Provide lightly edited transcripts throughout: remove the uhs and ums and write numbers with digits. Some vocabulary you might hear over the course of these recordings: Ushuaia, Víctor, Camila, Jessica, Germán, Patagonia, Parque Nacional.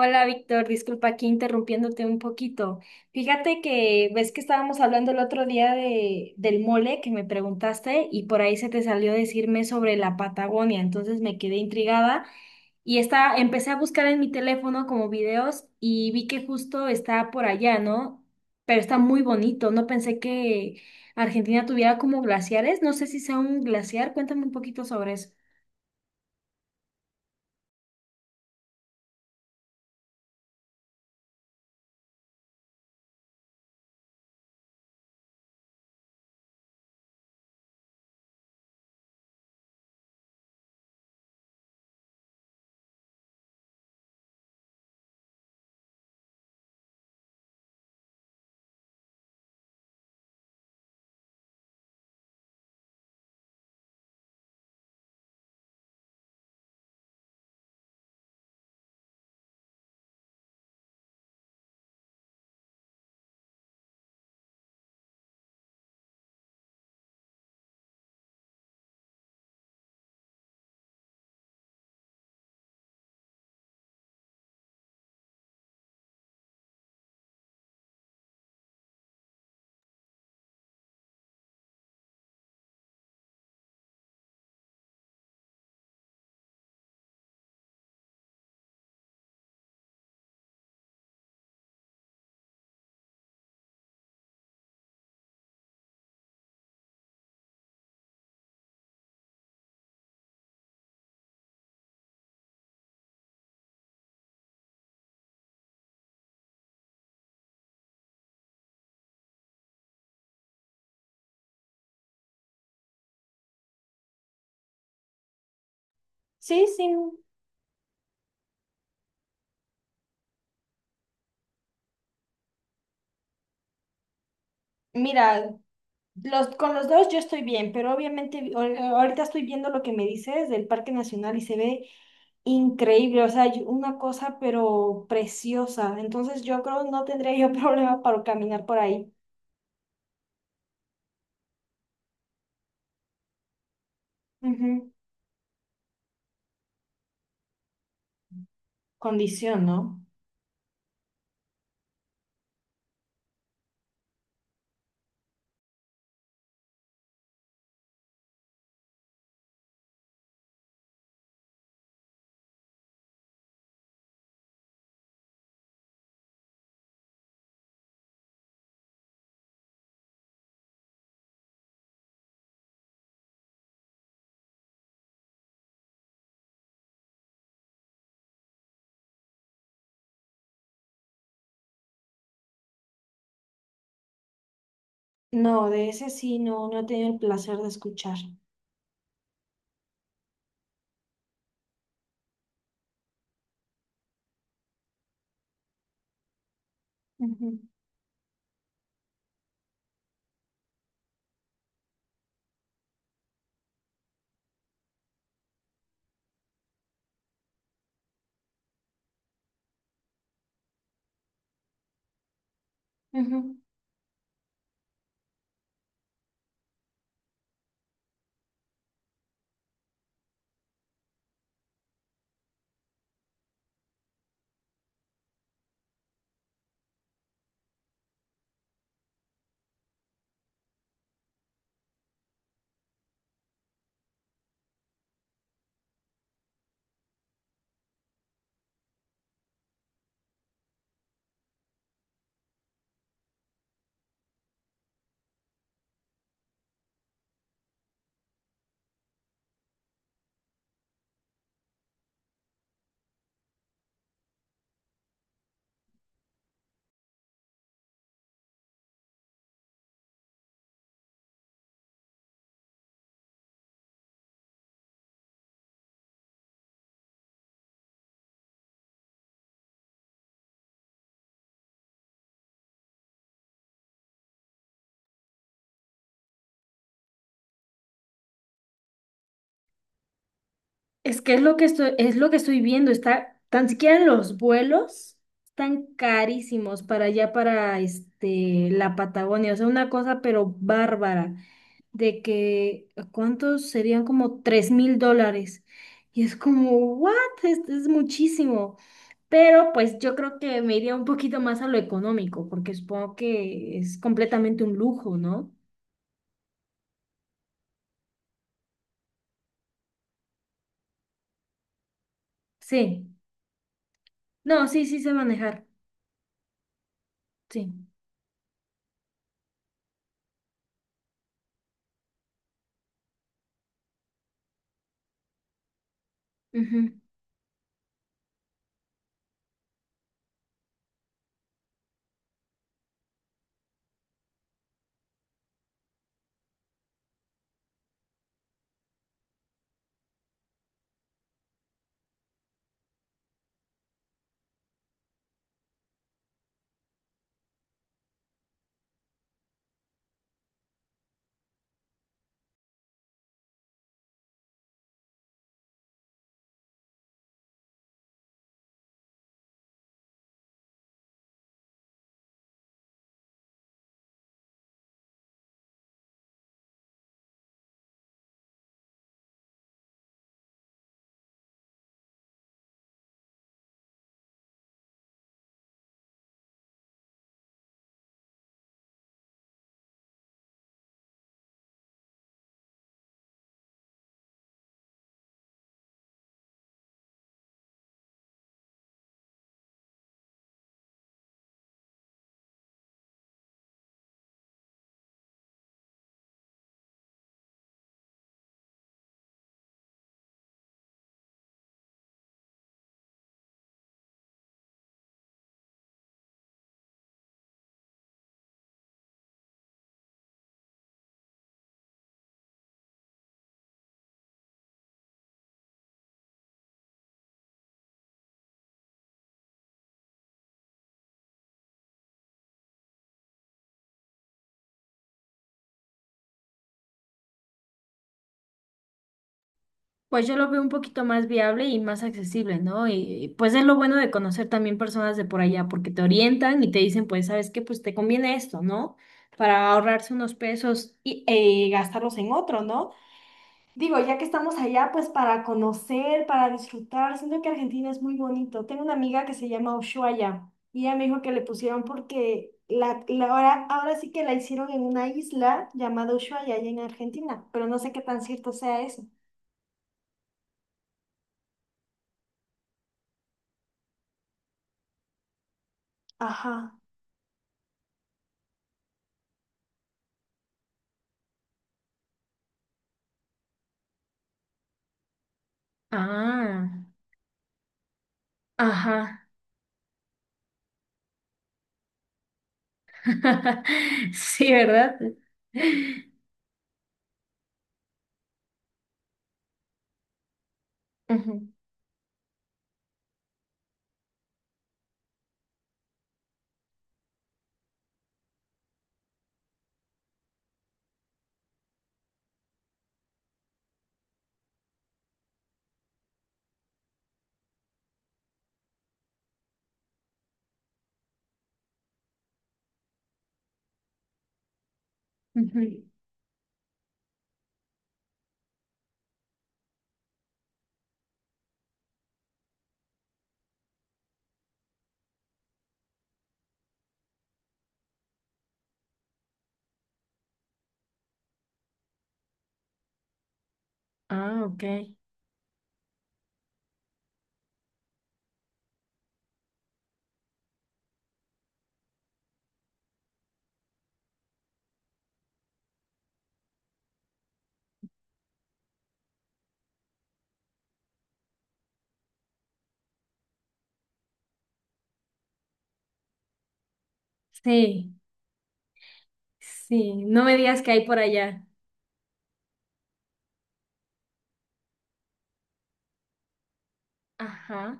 Hola, Víctor, disculpa aquí interrumpiéndote un poquito. Fíjate que ves que estábamos hablando el otro día del mole que me preguntaste y por ahí se te salió decirme sobre la Patagonia, entonces me quedé intrigada y empecé a buscar en mi teléfono como videos y vi que justo está por allá, ¿no? Pero está muy bonito, no pensé que Argentina tuviera como glaciares, no sé si sea un glaciar, cuéntame un poquito sobre eso. Sí, sí. Mira, los, con los dos yo estoy bien, pero obviamente ahorita estoy viendo lo que me dices del Parque Nacional y se ve increíble, o sea, una cosa pero preciosa. Entonces yo creo no tendría yo problema para caminar por ahí. Ujú. Condición, ¿no? No, de ese sí, no, no he tenido el placer de escuchar. Ujú, ujú. Es lo que estoy viendo, está, tan siquiera los vuelos están carísimos para allá, para este, la Patagonia, o sea, una cosa pero bárbara, de que, ¿cuántos serían como $3,000? Y es como, ¿what? Es muchísimo, pero pues yo creo que me iría un poquito más a lo económico, porque supongo que es completamente un lujo, ¿no? Sí, no, sí, sí sé manejar, sí. Pues yo lo veo un poquito más viable y más accesible, ¿no? Y pues es lo bueno de conocer también personas de por allá, porque te orientan y te dicen, pues, ¿sabes qué? Pues te conviene esto, ¿no? Para ahorrarse unos pesos y gastarlos en otro, ¿no? Digo, ya que estamos allá, pues para conocer, para disfrutar, siento que Argentina es muy bonito. Tengo una amiga que se llama Ushuaia y ella me dijo que le pusieron porque ahora, ahora sí que la hicieron en una isla llamada Ushuaia, allá en Argentina, pero no sé qué tan cierto sea eso. Ajá. Ah, ajá. Sí, ¿verdad? Ujú, ujú. Ah, ok. Sí, sí. No me digas que hay por allá. Ajá.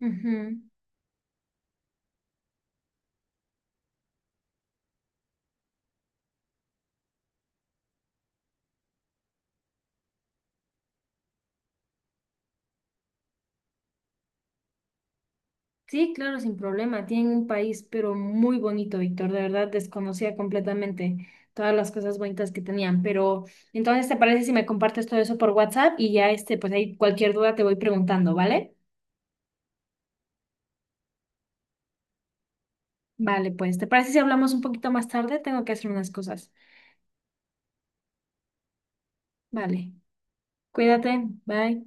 Ujú. Sí, claro, sin problema. Tienen un país, pero muy bonito, Víctor. De verdad, desconocía completamente todas las cosas bonitas que tenían. Pero entonces, ¿te parece si me compartes todo eso por WhatsApp? Y ya, este, pues ahí cualquier duda te voy preguntando, ¿vale? Vale, pues, ¿te parece si hablamos un poquito más tarde? Tengo que hacer unas cosas. Vale. Cuídate, bye.